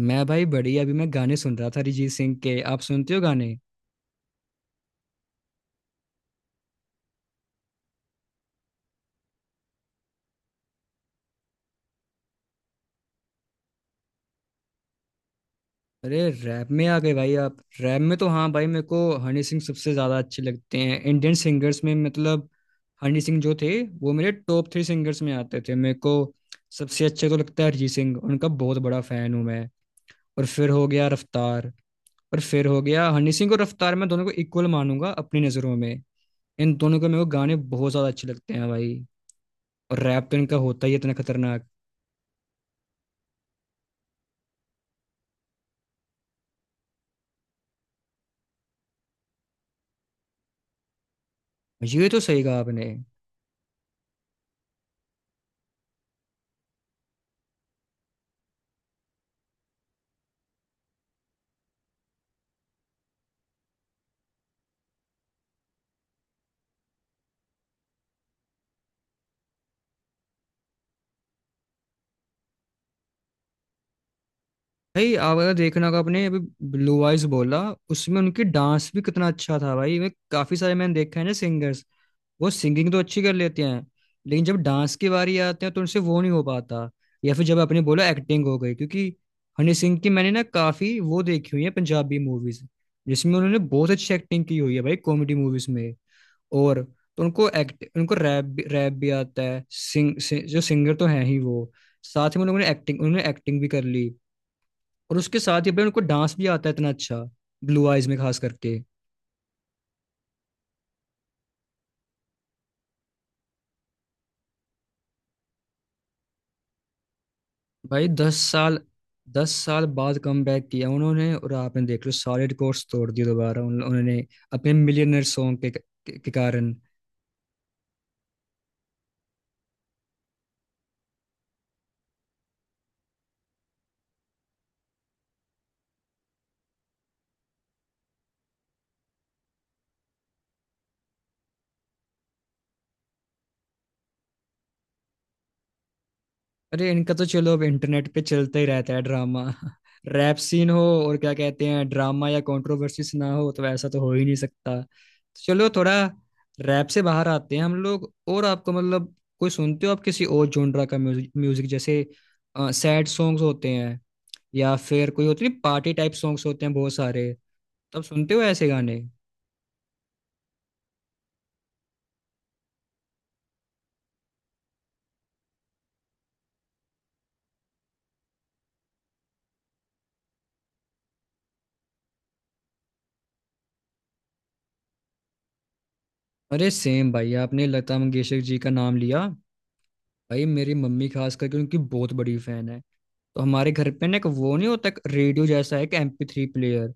मैं भाई बढ़िया। अभी मैं गाने सुन रहा था अरिजीत सिंह के। आप सुनते हो गाने? अरे रैप में आ गए भाई आप। रैप में तो हाँ भाई, मेरे को हनी सिंह सबसे ज्यादा अच्छे लगते हैं इंडियन सिंगर्स में। हनी सिंह जो थे, वो मेरे टॉप थ्री सिंगर्स में आते थे। मेरे को सबसे अच्छे तो लगता है अरिजीत सिंह, उनका बहुत बड़ा फैन हूँ मैं। और फिर हो गया रफ्तार। और फिर हो गया हनी सिंह और रफ्तार, मैं दोनों को इक्वल मानूंगा अपनी नज़रों में। इन दोनों के मेरे को गाने बहुत ज्यादा अच्छे लगते हैं भाई। और रैप तो इनका होता ही है इतना खतरनाक। ये तो सही कहा आपने। भाई आप अगर देखना होगा, आपने अभी ब्लू आइज बोला, उसमें उनकी डांस भी कितना अच्छा था। भाई वे काफी सारे मैंने देखा है ना सिंगर्स, वो सिंगिंग तो अच्छी कर लेते हैं लेकिन जब डांस की बारी आते हैं तो उनसे वो नहीं हो पाता। या फिर जब आपने बोला एक्टिंग, हो गई क्योंकि हनी सिंह की मैंने ना काफी वो देखी हुई है पंजाबी मूवीज, जिसमें उन्होंने बहुत अच्छी एक्टिंग की हुई है भाई कॉमेडी मूवीज में। और तो उनको एक्ट, उनको रैप भी आता है, जो सिंगर तो है ही वो। साथ में उन्होंने एक्टिंग भी कर ली। और उसके साथ ही अपने उनको डांस भी आता है इतना अच्छा, ब्लू आइज में खास करके। भाई 10 साल, 10 साल बाद कम बैक किया उन्होंने और आपने देख लो सारे रिकॉर्ड्स तोड़ दिए दोबारा उन्होंने अपने मिलियनर सॉन्ग के कारण। अरे इनका तो चलो अब इंटरनेट पे चलता ही रहता है ड्रामा, रैप सीन हो, और क्या कहते हैं, ड्रामा या कंट्रोवर्सीज ना हो तो ऐसा तो हो ही नहीं सकता। तो चलो थोड़ा रैप से बाहर आते हैं हम लोग। और आपको कोई सुनते हो आप किसी और जोनरा का म्यूजिक? म्यूजिक जैसे सैड सॉन्ग्स होते हैं, या फिर कोई होती है पार्टी टाइप सॉन्ग्स होते हैं बहुत सारे, तब सुनते हो ऐसे गाने? अरे सेम भाई, आपने लता मंगेशकर जी का नाम लिया। भाई मेरी मम्मी खास करके उनकी बहुत बड़ी फैन है। तो हमारे घर पे ना एक वो नहीं होता, एक रेडियो जैसा है कि MP3 प्लेयर।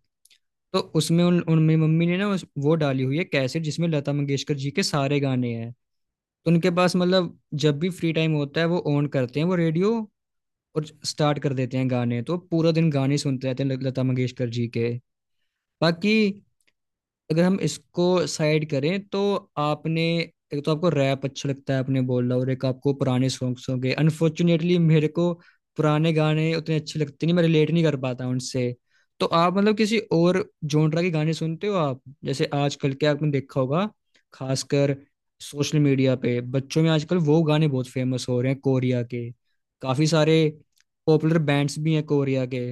तो उसमें उन, उन मेरी मम्मी ने ना वो डाली हुई है कैसेट जिसमें लता मंगेशकर जी के सारे गाने हैं। तो उनके पास जब भी फ्री टाइम होता है वो ऑन करते हैं वो रेडियो और स्टार्ट कर देते हैं गाने, तो पूरा दिन गाने सुनते रहते हैं लता मंगेशकर जी के। बाकी अगर हम इसको साइड करें तो आपने, एक तो आपको रैप अच्छा लगता है आपने बोला, और एक आपको पुराने सॉन्ग्स होंगे। अनफॉर्चुनेटली मेरे को पुराने गाने उतने अच्छे लगते नहीं, मैं रिलेट नहीं कर पाता उनसे। तो आप किसी और जॉनरा के गाने सुनते हो आप? जैसे आजकल के, आपने देखा होगा खासकर सोशल मीडिया पे बच्चों में आजकल वो गाने बहुत फेमस हो रहे हैं कोरिया के, काफी सारे पॉपुलर बैंड्स भी हैं कोरिया के।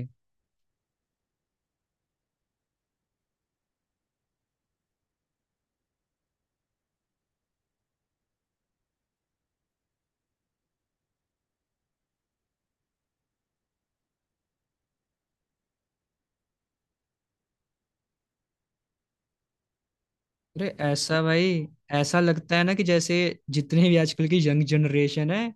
अरे ऐसा भाई, ऐसा लगता है ना कि जैसे जितने भी आजकल की यंग जनरेशन है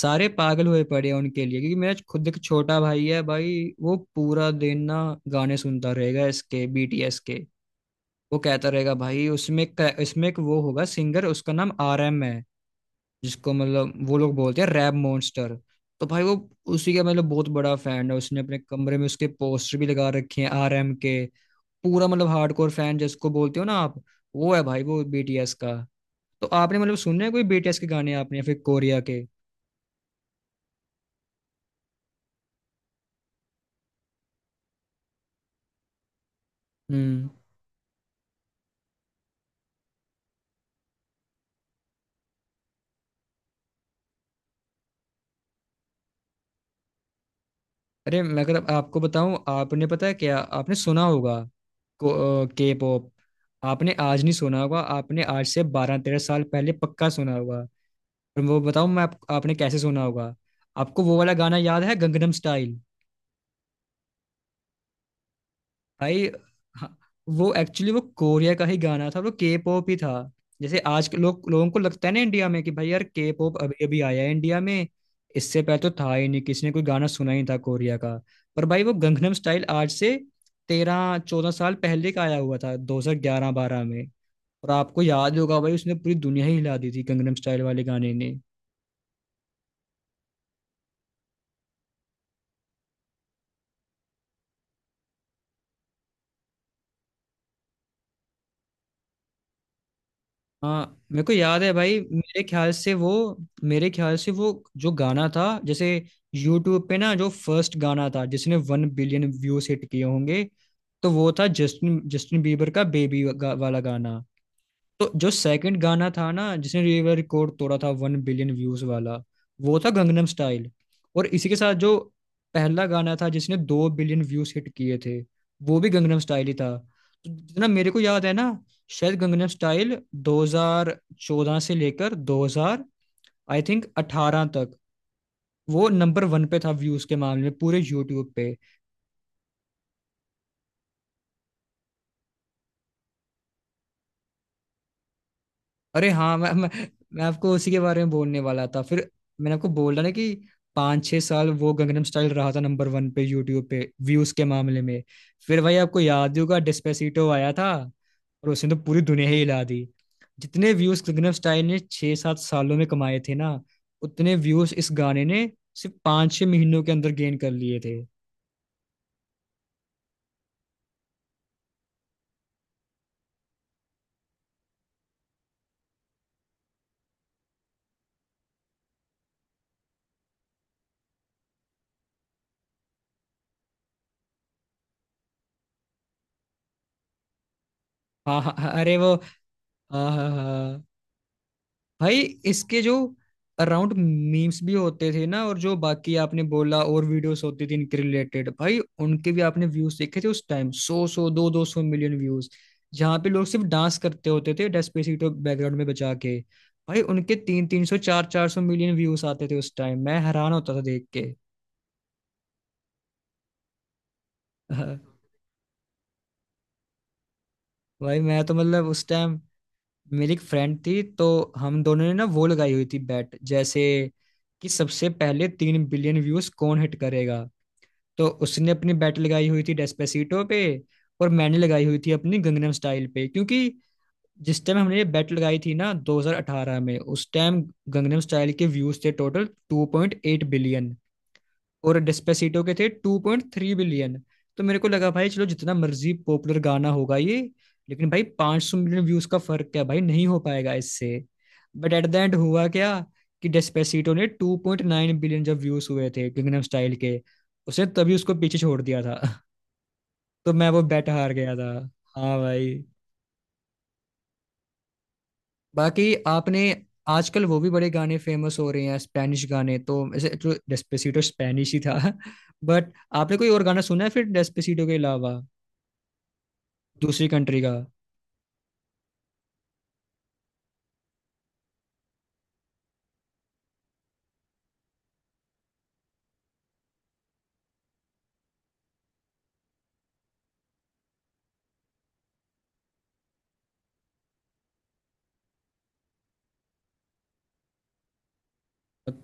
सारे पागल हुए पड़े हैं उनके लिए। क्योंकि मेरा खुद एक छोटा भाई है भाई, वो पूरा दिन ना गाने सुनता रहेगा इसके बीटीएस के। वो कहता रहेगा भाई उसमें इसमें एक वो होगा सिंगर, उसका नाम आरएम है, जिसको वो लोग बोलते हैं रैप मॉन्स्टर। तो भाई वो उसी का बहुत बड़ा फैन है, उसने अपने कमरे में उसके पोस्टर भी लगा रखे हैं आरएम के। पूरा हार्डकोर फैन जिसको बोलते हो ना आप, वो है भाई वो बीटीएस का। तो आपने सुने हैं कोई बीटीएस के गाने आपने या फिर कोरिया के? हम्म। अरे मैं अगर आपको बताऊं, आपने पता है क्या, आपने सुना होगा के पॉप। आपने आज नहीं सुना होगा, आपने आज से 12-13 साल पहले पक्का सुना होगा। और वो बताऊं मैं आपने कैसे सुना होगा। आपको वो वाला गाना याद है गंगनम स्टाइल? भाई हाँ, वो एक्चुअली वो कोरिया का ही गाना था, वो के पॉप ही था। जैसे आज के लोगों को लगता है ना इंडिया में कि भाई यार के पॉप अभी अभी आया है इंडिया में, इससे पहले तो था ही नहीं, किसी ने कोई गाना सुना ही नहीं था कोरिया का। पर भाई वो गंगनम स्टाइल आज से 13-14 साल पहले का आया हुआ था, 2011-12 में। और आपको याद होगा भाई उसने पूरी दुनिया ही हिला दी थी गंगनम स्टाइल वाले गाने ने। हाँ मेरे को याद है भाई। मेरे ख्याल से वो जो गाना था जैसे यूट्यूब पे ना जो फर्स्ट गाना था जिसने वन बिलियन व्यूज हिट किए होंगे, तो वो था जस्टिन जस्टिन बीबर का बेबी वाला गाना। तो जो सेकंड गाना था ना जिसने ये रिकॉर्ड तोड़ा था वन बिलियन व्यूज वाला, वो था गंगनम स्टाइल। और इसी के साथ जो पहला गाना था जिसने दो बिलियन व्यूज हिट किए थे वो भी गंगनम स्टाइल ही था। तो जितना मेरे को याद है ना, शायद गंगनम स्टाइल 2014 से लेकर 2000, आई थिंक, 18 तक वो नंबर वन पे था व्यूज के मामले में पूरे यूट्यूब पे। अरे हाँ, मैं मैं आपको उसी के बारे में बोलने वाला था फिर। मैंने आपको बोला ना कि 5-6 साल वो गंगनम स्टाइल रहा था नंबर वन पे यूट्यूब पे व्यूज के मामले में। फिर भाई आपको याद ही होगा डिस्पेसिटो आया था, और उसने तो पूरी दुनिया ही हिला दी। जितने व्यूज गंगनम स्टाइल ने 6-7 सालों में कमाए थे ना, उतने व्यूज इस गाने ने सिर्फ 5-6 महीनों के अंदर गेन कर लिए थे। हाँ हाँ हाँ, अरे वो, हाँ हाँ हाँ, भाई इसके जो अराउंड मीम्स भी होते थे ना और जो बाकी आपने बोला और वीडियोस होती थी इनके रिलेटेड भाई, उनके भी आपने व्यूज देखे थे उस टाइम, सौ सौ दो दो सौ मिलियन व्यूज, जहाँ पे लोग सिर्फ डांस करते होते थे डेस्पेसिटो बैकग्राउंड में बजा के। भाई उनके तीन तीन सौ चार चार सौ मिलियन व्यूज आते थे उस टाइम, मैं हैरान होता था देख के हाँ, भाई मैं तो उस टाइम मेरी एक फ्रेंड थी, तो हम दोनों ने ना वो लगाई हुई थी बैट जैसे कि सबसे पहले 3 बिलियन व्यूज कौन हिट करेगा। तो उसने अपनी बेट लगाई हुई थी डेस्पेसीटो पे, और मैंने लगाई हुई थी अपनी गंगनम स्टाइल पे। क्योंकि जिस टाइम हमने ये बेट लगाई थी ना 2018 में, उस टाइम गंगनम स्टाइल के व्यूज थे टोटल 2.8 बिलियन और डेस्पेसिटो के थे 2.3 बिलियन। तो मेरे को लगा भाई चलो जितना मर्जी पॉपुलर गाना होगा ये, लेकिन भाई 500 मिलियन व्यूज का फर्क क्या भाई नहीं हो पाएगा इससे। बट एट द एंड हुआ क्या कि डेस्पेसिटो ने 2.9 बिलियन जब व्यूज हुए थे किंगडम स्टाइल के, उसने तभी उसको पीछे छोड़ दिया था तो मैं वो बेट हार गया था। हाँ भाई। बाकी आपने, आजकल वो भी बड़े गाने फेमस हो रहे हैं स्पेनिश गाने। तो ऐसे तो डेस्पेसिटो स्पेनिश ही था बट आपने कोई और गाना सुना है फिर डेस्पेसिटो के अलावा, दूसरी कंट्री का?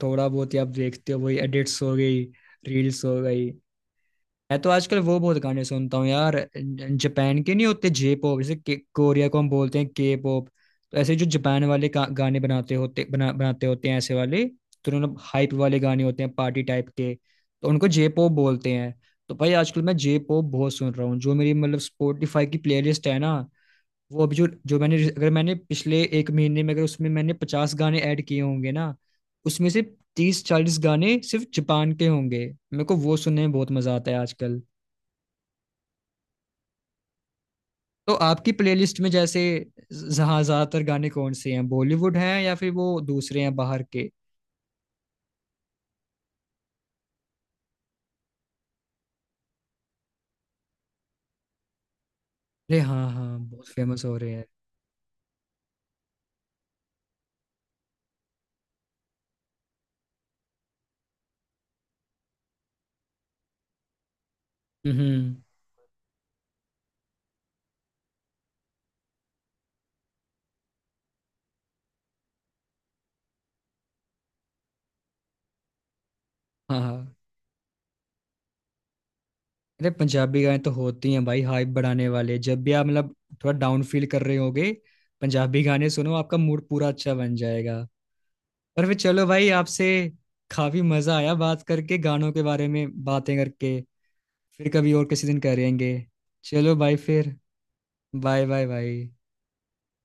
थोड़ा बहुत ही आप देखते हो, वही एडिट्स हो गई, रील्स हो गई। मैं तो आजकल वो बहुत गाने सुनता हूँ यार, जापान के नहीं होते जे पॉप, जैसे कोरिया को हम बोलते हैं के पॉप, तो ऐसे जो जापान वाले गाने बनाते होते हैं ऐसे वाले, तो उन्होंने हाइप वाले गाने होते हैं पार्टी टाइप के, तो उनको जे पॉप बोलते हैं। तो भाई आजकल मैं जे पॉप बहुत सुन रहा हूँ। जो मेरी स्पॉटिफाई की प्लेलिस्ट है ना, वो अभी जो जो मैंने अगर मैंने पिछले एक महीने में अगर उसमें मैंने 50 गाने ऐड किए होंगे ना, उसमें से 30-40 गाने सिर्फ जापान के होंगे। मेरे को वो सुनने में बहुत मजा आता है आजकल। तो आपकी प्लेलिस्ट में जैसे, जहाँ ज्यादातर गाने कौन से हैं, बॉलीवुड हैं या फिर वो दूसरे हैं बाहर के? अरे हाँ हाँ, बहुत फेमस हो रहे हैं। हम्म। हाँ हाँ। अरे पंजाबी गाने तो होती हैं भाई हाइप बढ़ाने वाले, जब भी आप थोड़ा डाउन फील कर रहे होगे, पंजाबी गाने सुनो, आपका मूड पूरा अच्छा बन जाएगा। पर फिर चलो भाई आपसे काफी मजा आया, बात करके गानों के बारे में बातें करके। फिर कभी और किसी दिन करेंगे। चलो भाई फिर, बाय बाय भाई।